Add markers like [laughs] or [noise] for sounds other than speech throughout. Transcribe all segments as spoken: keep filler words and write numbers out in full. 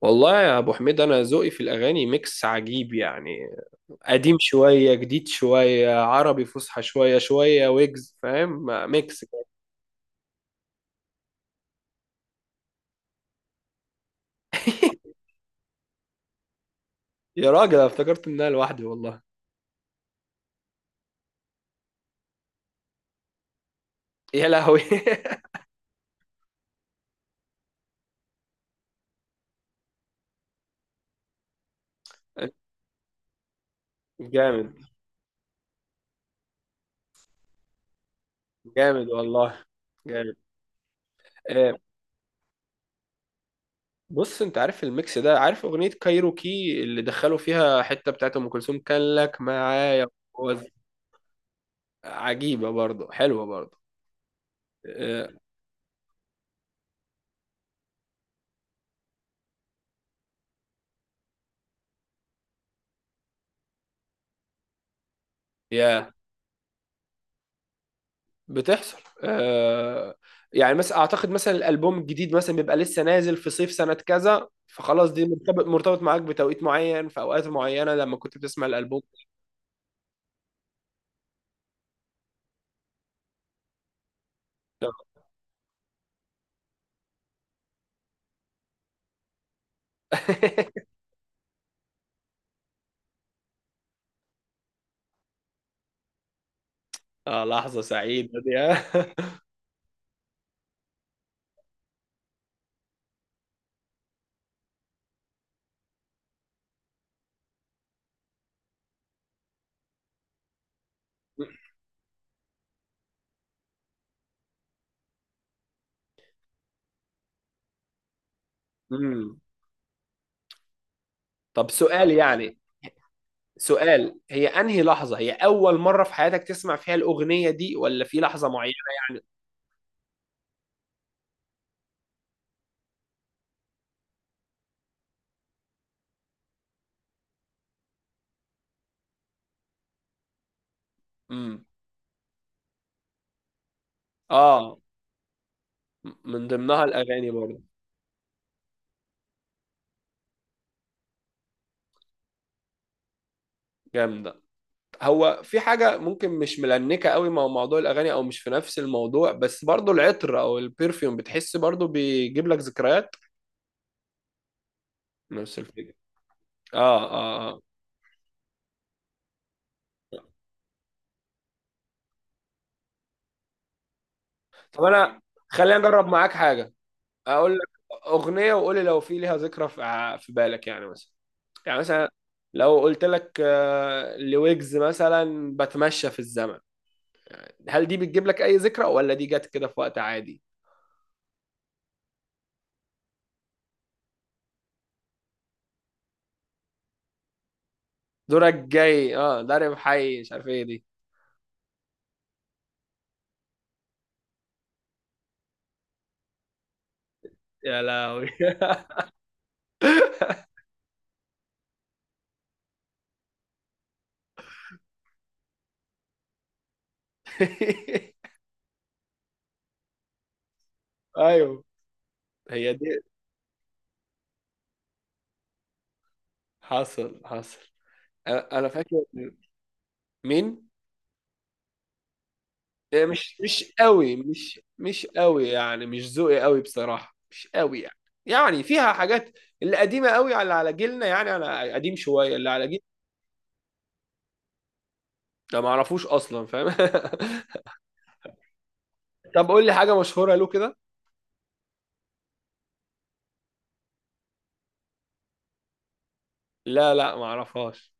والله يا ابو حميد، انا ذوقي في الاغاني ميكس عجيب، يعني قديم شويه، جديد شويه، عربي فصحى شويه، شويه ويجز. فاهم؟ ميكس كده. [laughs] يا راجل، أنا افتكرت ان انا لوحدي والله. يا لهوي. [laughs] جامد. جامد والله. جامد. آه، بص، انت عارف الميكس ده؟ عارف اغنيه كايروكي اللي دخلوا فيها حته بتاعت ام كلثوم كان لك معايا؟ وز- عجيبه برضه، حلوه برضه. آه. يا بتحصل، آه. يعني مثلا اعتقد مثلا الالبوم الجديد مثلا بيبقى لسه نازل في صيف سنة كذا، فخلاص دي مرتبط، مرتبط معاك بتوقيت معين في اوقات معينة لما كنت بتسمع الالبوم. [laughs] اه، لحظة سعيدة [laughs] دي، ها؟ مم. طب سؤال يعني سؤال هي انهي لحظة، هي اول مرة في حياتك تسمع فيها الاغنية دي، ولا في لحظة معينة؟ يعني. امم اه، من ضمنها الاغاني برضه. جامدة. هو في حاجة ممكن مش ملنكة قوي مع موضوع الأغاني، أو مش في نفس الموضوع، بس برضو العطر أو البرفيوم بتحس برضو بيجيب لك ذكريات؟ نفس الفكرة. آه آه آه. طب أنا، خلينا أجرب معاك حاجة. أقول لك أغنية، وقولي لو في ليها ذكرى في ع- في بالك، يعني مثلا يعني مثلا لو قلت لك آه، لويجز مثلا بتمشى في الزمن، هل دي بتجيب لك أي ذكرى، ولا دي جت كده في وقت عادي؟ دورك جاي، اه، ضارب حي، مش عارف ايه دي. يا لهوي. [laughs] [laughs] ايوه، هي دي. حصل حصل. انا أنا فاكر إن- مين؟ إيه، مش مش قوي، مش مش قوي، يعني مش ذوقي قوي بصراحة، مش قوي يعني. يعني فيها حاجات، اللي قديمة قوي على على جيلنا يعني، على قديم شوية اللي على جيل. ده ما اعرفوش اصلا، فاهم؟ [laughs] طب قول لي حاجة مشهورة له كده. لا لا، ما اعرفهاش.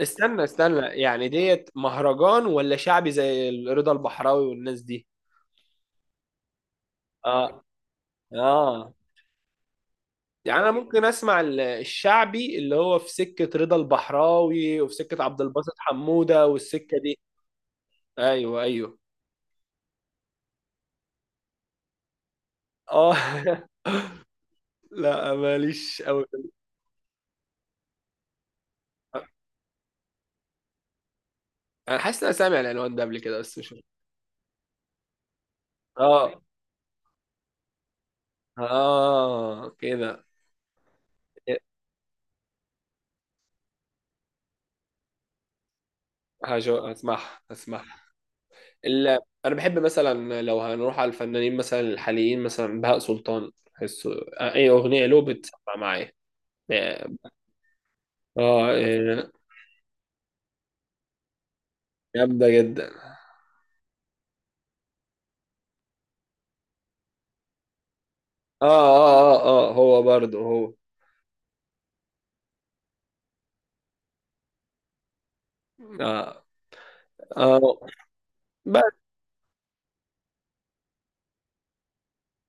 استنى استنى، يعني ديت مهرجان ولا شعبي زي رضا البحراوي والناس دي؟ اه. اه. يعني انا ممكن اسمع ال- الشعبي اللي هو في سكة رضا البحراوي وفي سكة عبد الباسط حمودة والسكة دي. ايوه ايوه. اه. [laughs] لا، ماليش قوي. انا حاسس ان انا سامع العنوان ده قبل كده بس مش. اه. اه كده. هجو هسمعها، هسمعها. ال... انا بحب مثلا لو هنروح على الفنانين مثلا الحاليين مثلا بهاء سلطان، بحسه اي اغنيه له بتسمع معايا. اه. آه، جامده جدا. اه اه اه اه، هو برضه، هو. اه اه، بس.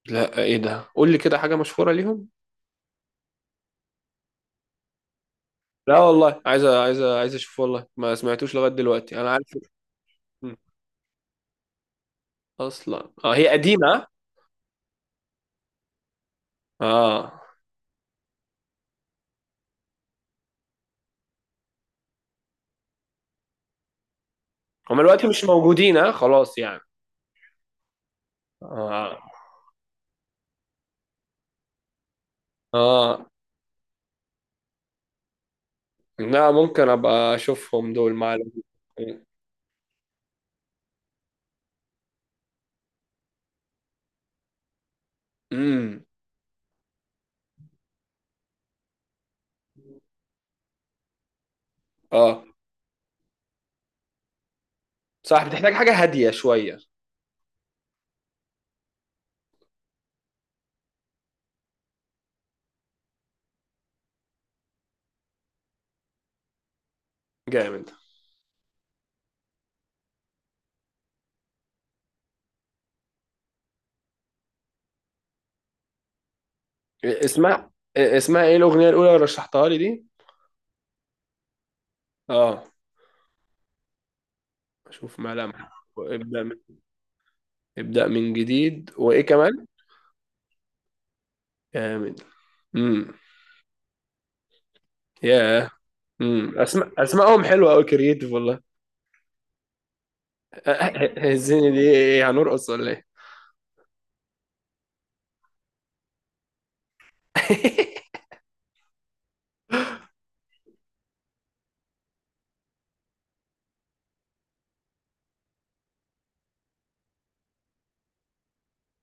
لا، ايه ده؟ قول لي كده حاجة مشهورة ليهم. لا والله، عايز عايز عايز اشوف والله، ما سمعتوش لغاية دلوقتي، انا عارف. م. اصلا اه، هي قديمة. اه. هم دلوقتي مش موجودين، اه، خلاص يعني. اه. اه لا، ممكن ابقى اشوفهم دول مع ال- امم اه، صح، بتحتاج حاجة هادية شوية. جامد. اسمها اسمها ايه الأغنية الأولى اللي رشحتها لي دي؟ اه. اشوف ملامح، وابدا من ابدا من جديد. وايه كمان؟ كامل. امم ياه. امم اسماء اسمائهم حلوه قوي، كرييتيف والله. [laughs] الزينه دي، ايه، هنرقص ولا ايه؟ [laughs]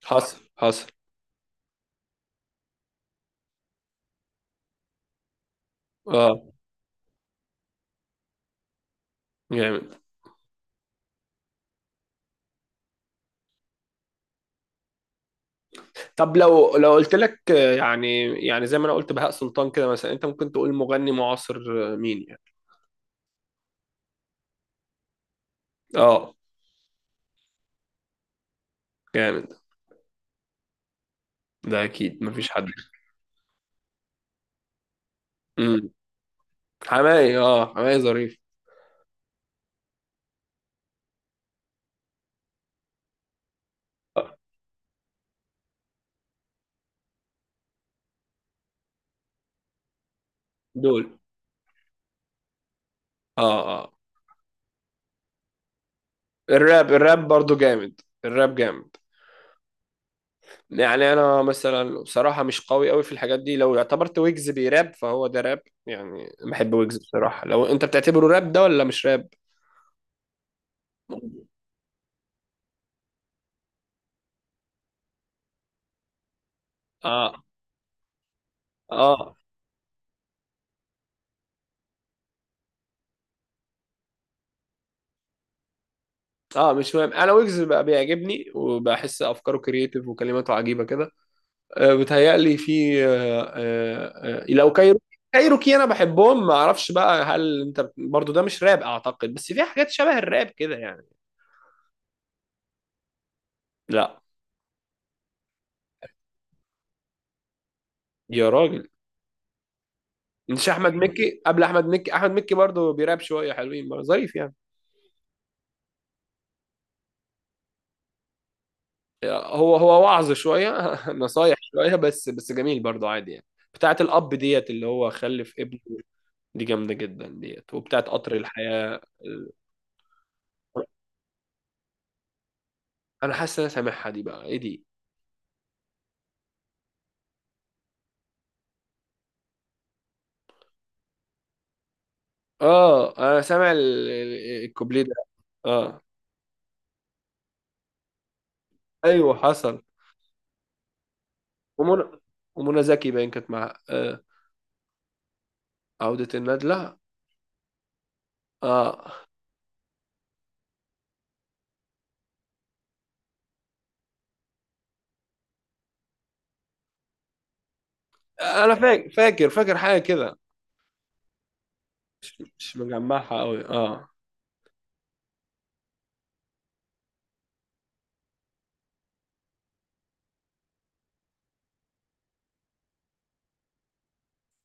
حصل حصل. اه جامد. طب، لو لو قلت لك آه، يعني يعني زي ما انا قلت بهاء سلطان كده مثلا، انت ممكن تقول مغني معاصر آه، مين يعني؟ اه جامد. ده اكيد مفيش حد. امم حماقي، اه، حماقي ظريف. آه، دول، اه اه آه. الراب، الراب برضو جامد، الراب جامد. يعني انا مثلا بصراحه مش قوي قوي في الحاجات دي. لو اعتبرت ويجز بيراب، فهو ده راب. يعني بحب ويجز بصراحه. لو انت بتعتبره راب ده ولا مش راب؟ اه اه اه. مش مهم. انا ويجز بقى بيعجبني، وبحس افكاره كرييتيف وكلماته عجيبه كده. آه، بتهيألي في آه آه آه لو كايرو، كايروكي، انا بحبهم، ما اعرفش بقى هل انت برضو. ده مش راب اعتقد، بس في حاجات شبه الراب كده يعني. لا، يا راجل، مش احمد مكي؟ قبل احمد مكي، احمد مكي برضه بيراب، شويه حلوين برضه، ظريف يعني. هو هو وعظ شويه [laughs] نصايح شويه، بس بس جميل برضه، عادي يعني. بتاعت الاب ديت اللي هو خلف ابنه دي جامده جدا، ديت، وبتاعت قطر الحياه ال- انا حاسس إن انا سامعها دي، بقى ايه دي؟ اه، انا سامع ال- ال- الكوبليه ده. اه ايوه حصل. ومنى ومنى زكي باين كانت مع آه. عودة الندلة. اه، انا فاكر فاكر فاكر حاجه كده. مش مجمعها قوي، اه.